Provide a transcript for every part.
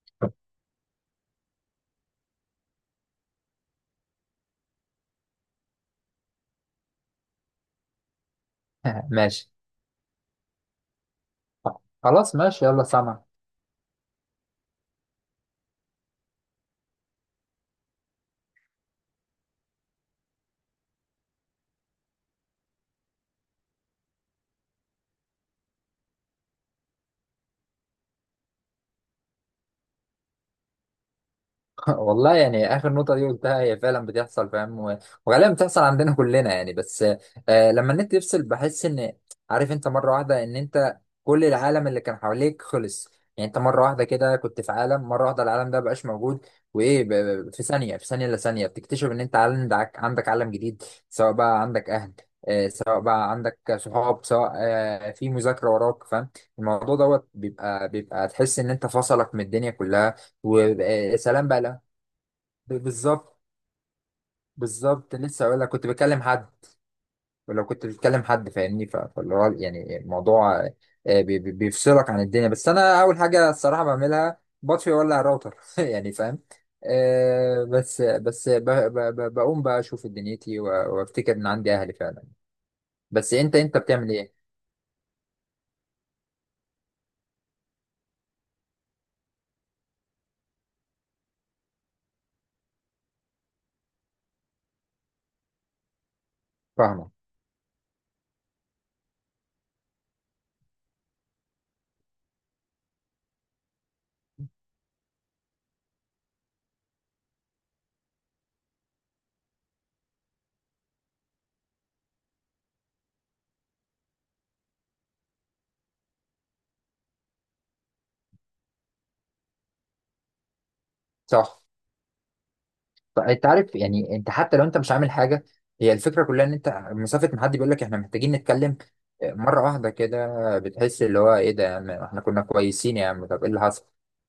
ماشي، خلاص ماشي، يلا سامع. والله يعني اخر نقطه دي قلتها هي فعلا بتحصل، فاهم؟ و- وغالبا بتحصل عندنا كلنا يعني. بس آه لما النت يفصل بحس ان، عارف انت، مره واحده ان انت كل العالم اللي كان حواليك خلص. يعني انت مره واحده كده كنت في عالم، مره واحده العالم ده مبقاش موجود. وايه ب- في ثانيه، في ثانيه الا ثانيه، بتكتشف ان انت عندك عالم جديد، سواء بقى عندك اهل، آه سواء بقى عندك صحاب، سواء آه في مذاكره وراك، فاهم؟ الموضوع دوت بيبقى تحس ان انت فصلك من الدنيا كلها وسلام بقى. ب- بالظبط. بالظبط، لسه اقول لك، كنت بكلم حد، ولو كنت بتكلم حد فاهمني، ف- فاللي هو يعني الموضوع آه، بيفصلك عن الدنيا. بس انا اول حاجه الصراحه بعملها، بطفي اولع الراوتر يعني فاهم. آه بس بس ب- ب- ب- بقوم بقى اشوف دنيتي و- وافتكر ان عندي اهلي فعلا. بس انت، انت بتعمل ايه؟ فاهمه. صح، فانت عارف يعني انت حتى لو انت مش عامل حاجه، هي الفكره كلها ان انت مسافه، ما حد بيقول لك احنا محتاجين نتكلم، آه، مره واحده كده بتحس اللي هو ايه ده يا عم؟ احنا كنا كويسين يا عم، طب ايه اللي حصل؟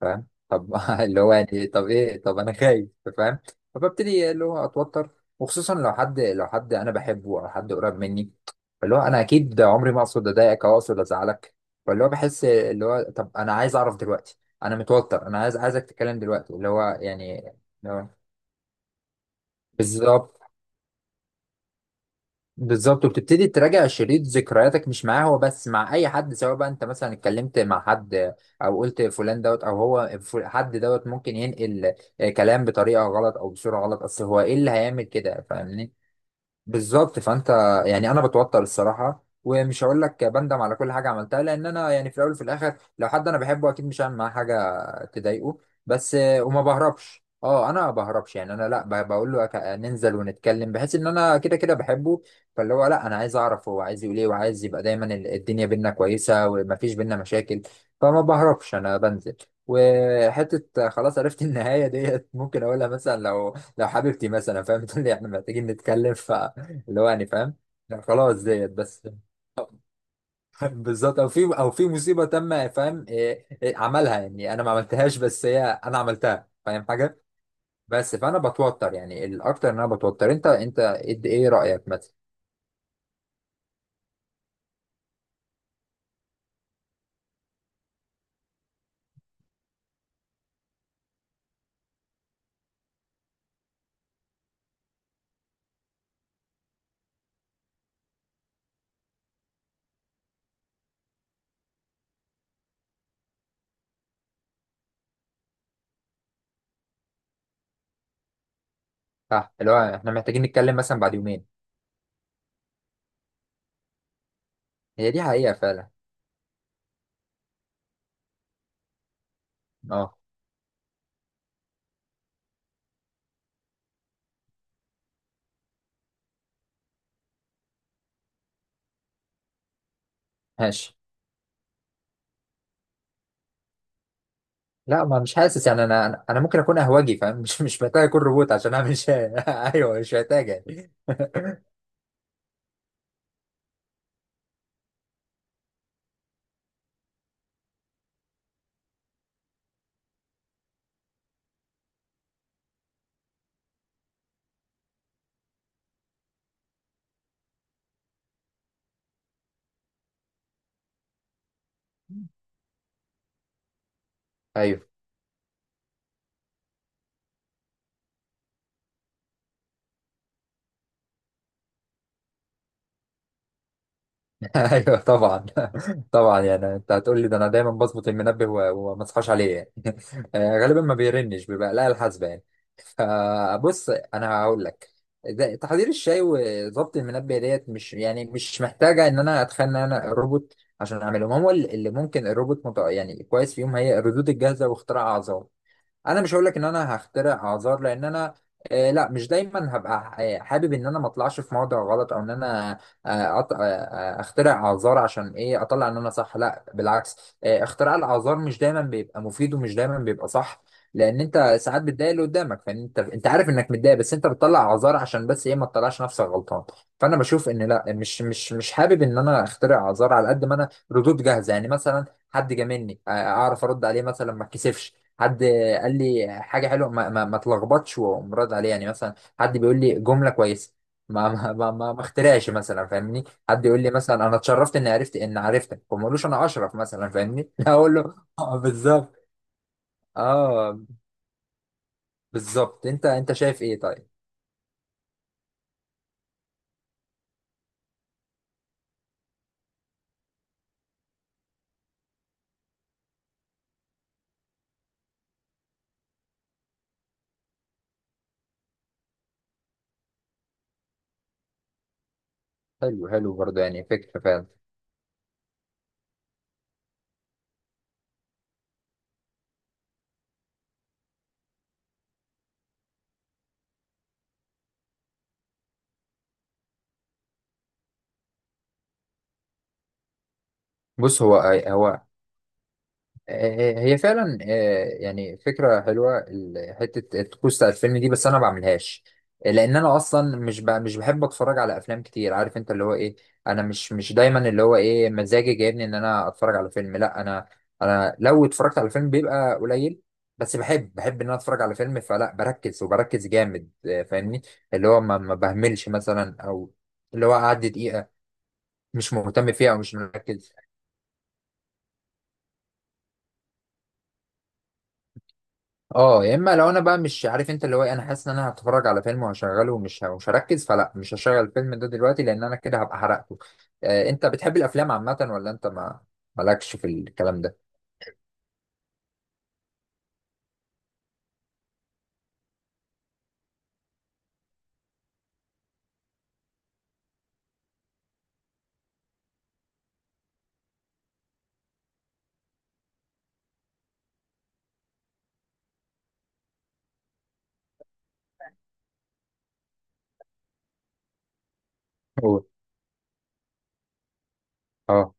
فاهم؟ طب اللي هو يعني طب ايه؟ طب انا خايف، فاهم؟ فببتدي اللي هو اتوتر، وخصوصا لو حد، لو حد انا بحبه او حد قريب مني، اللي هو انا اكيد عمري ما اقصد اضايقك او اقصد ازعلك، فاللي هو بحس اللي هو طب انا عايز اعرف دلوقتي، انا متوتر، انا عايز، عايزك تتكلم دلوقتي، اللي هو يعني بالظبط. بالظبط، وبتبتدي تراجع شريط ذكرياتك مش معاه هو بس، مع اي حد، سواء بقى انت مثلا اتكلمت مع حد او قلت فلان دوت او هو حد دوت ممكن ينقل آه، كلام بطريقه غلط او بصوره غلط، اصل هو ايه اللي هيعمل كده؟ فاهمني؟ بالظبط، فانت يعني انا بتوتر الصراحه، ومش هقول لك بندم على كل حاجه عملتها، لان انا يعني في الاول وفي الاخر لو حد انا بحبه اكيد مش هعمل معاه حاجه تضايقه بس. وما بهربش، اه انا ما بهربش يعني، انا لا بقول له ننزل ونتكلم، بحيث ان انا كده كده بحبه، فاللي هو لا انا عايز اعرف هو عايز يقول ايه، وعايز يبقى دايما ال- الدنيا بينا كويسه، ومفيش بينا مشاكل. فما بهربش، انا بنزل وحته خلاص عرفت. النهايه ديت ممكن اقولها مثلا لو، لو حبيبتي مثلا، فاهم؟ تقول لي احنا محتاجين نتكلم، اللي هو يعني فاهم، لا خلاص، ديت بس. بالظبط، او في، او في مصيبه تم، فاهم؟ إيه، إيه، عملها يعني، انا ما عملتهاش، بس هي انا عملتها، فاهم حاجه؟ بس فانا بتوتر يعني، الاكتر ان انا بتوتر. انت، انت ايه رايك مثلا؟ ها اللي هو احنا محتاجين نتكلم مثلا بعد يومين. هي دي حقيقه فعلا. اه ماشي. لا، ما مش حاسس يعني، انا انا أنا ممكن اكون اهواجي فاهم، مش مش محتاج اكون روبوت عشان اعمل شيء. ايوه مش محتاج يعني. ايوه. ايوه طبعا. طبعا يعني انت هتقول لي ده، انا دايما بظبط المنبه و- وما اصحاش عليه يعني. آه، غالبا ما بيرنش، بيبقى لا الحاسبه يعني. فبص انا هقول لك، ده تحضير الشاي وظبط المنبه ديت مش يعني، مش محتاجه ان انا اتخيل ان انا روبوت عشان اعملهم، هو اللي ممكن الروبوت متع... يعني كويس فيهم هي الردود الجاهزه، واختراع اعظم. انا مش هقول لك ان انا هخترع اعذار لان انا آه لا، مش دايما هبقى آه، حابب ان انا ما اطلعش في موضع غلط، او ان انا آه أط... آه آه، اخترع اعذار عشان ايه؟ اطلع ان انا صح، لا بالعكس، آه اختراع الاعذار مش دايما بيبقى مفيد، ومش دايما بيبقى صح، لان انت ساعات بتضايق اللي قدامك، فانت، انت عارف انك متضايق، بس انت بتطلع اعذار عشان بس ايه؟ ما تطلعش نفسك غلطان. فانا بشوف ان لا، مش حابب ان انا اخترع اعذار، على قد ما انا ردود جاهزه يعني، مثلا حد جاملني آه، اعرف ارد عليه مثلا، ما اتكسفش. حد قال لي حاجه حلوه، ما تلخبطش، وأقوم رد عليه يعني، مثلا حد بيقول لي جمله كويسه، ما اخترعش مثلا، فاهمني؟ حد يقول لي مثلا انا اتشرفت اني عرفت، ان عرفتك، وما اقولوش انا اشرف مثلا، فاهمني؟ اقول له اه بالظبط. اه بالظبط. انت، انت شايف ايه طيب؟ حلو حلو برضه، يعني فكره فعلا. بص هو، هو آه، هي فعلا آه، يعني فكرة حلوة حتة الطقوس بتاع الفيلم دي، بس أنا ما بعملهاش، لأن أنا أصلا مش بحب أتفرج على أفلام كتير، عارف أنت اللي هو إيه. أنا مش دايما اللي هو إيه، مزاجي جايبني إن أنا أتفرج على فيلم، لا أنا، أنا لو اتفرجت على فيلم بيبقى قليل، بس بحب إن أنا أتفرج على فيلم، فلا بركز، وبركز جامد آه، فاهمني؟ اللي هو ما بهملش مثلا، أو اللي هو أعدي دقيقة مش مهتم فيها، أو مش مركز. اه يا اما لو انا بقى مش عارف انت اللي هو إيه، انا حاسس ان انا هتفرج على فيلم وهشغله، ومش مش هركز، فلا مش هشغل الفيلم ده دلوقتي، لان انا كده هبقى حرقته. آه انت بتحب الافلام عامه، ولا انت ما مالكش في الكلام ده؟ قول. اه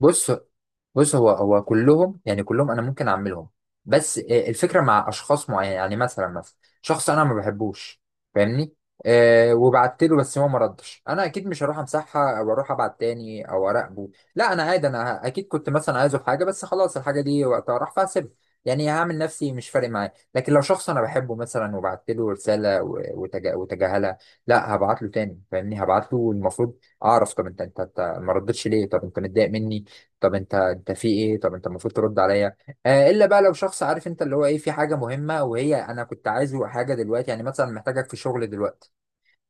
بص، بص هو هو كلهم يعني، كلهم انا ممكن اعملهم، بس آه، الفكره مع اشخاص معينه يعني، مثلا شخص انا ما بحبوش، فاهمني؟ أه وبعت له بس هو ما ردش، انا اكيد مش هروح امسحها، او اروح ابعت تاني، او اراقبه، لا انا عادي، انا اكيد كنت مثلا عايزه في حاجه، بس خلاص الحاجه دي وقتها راح، فهسيبها يعني، هعمل نفسي مش فارق معايا. لكن لو شخص انا بحبه مثلا، وبعت له رساله و- وتجا- وتجاهلها، لا هبعت له تاني، فاهمني؟ هبعت له، المفروض اعرف طب انت، أنت ما ردتش ليه؟ طب انت متضايق مني؟ طب انت، في ايه؟ طب انت المفروض ترد عليا. آه الا بقى لو شخص، عارف انت اللي هو ايه، في حاجه مهمه، وهي انا كنت عايزه حاجه دلوقتي، يعني مثلا محتاجك في شغل دلوقتي،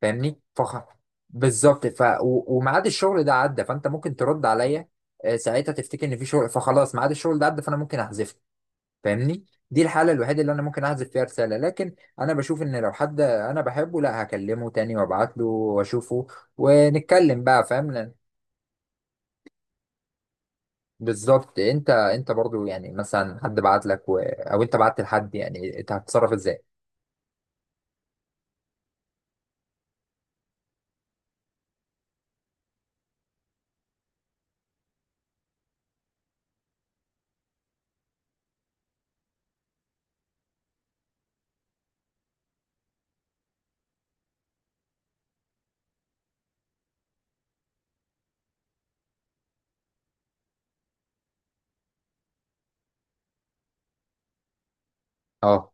فاهمني؟ فخ بالظبط، و- وميعاد الشغل ده عدى، فانت ممكن ترد عليا آه، ساعتها تفتكر ان في شغل، فخلاص ميعاد الشغل ده عدى، فانا ممكن احذفه، فاهمني؟ دي الحاله الوحيده اللي انا ممكن احذف فيها رساله، لكن انا بشوف ان لو حد انا بحبه، لا هكلمه تاني، وابعت له واشوفه ونتكلم بقى، فاهم؟ بالظبط. انت، انت برضو يعني مثلا حد بعت لك و... او انت بعت لحد، يعني انت هتتصرف ازاي؟ اه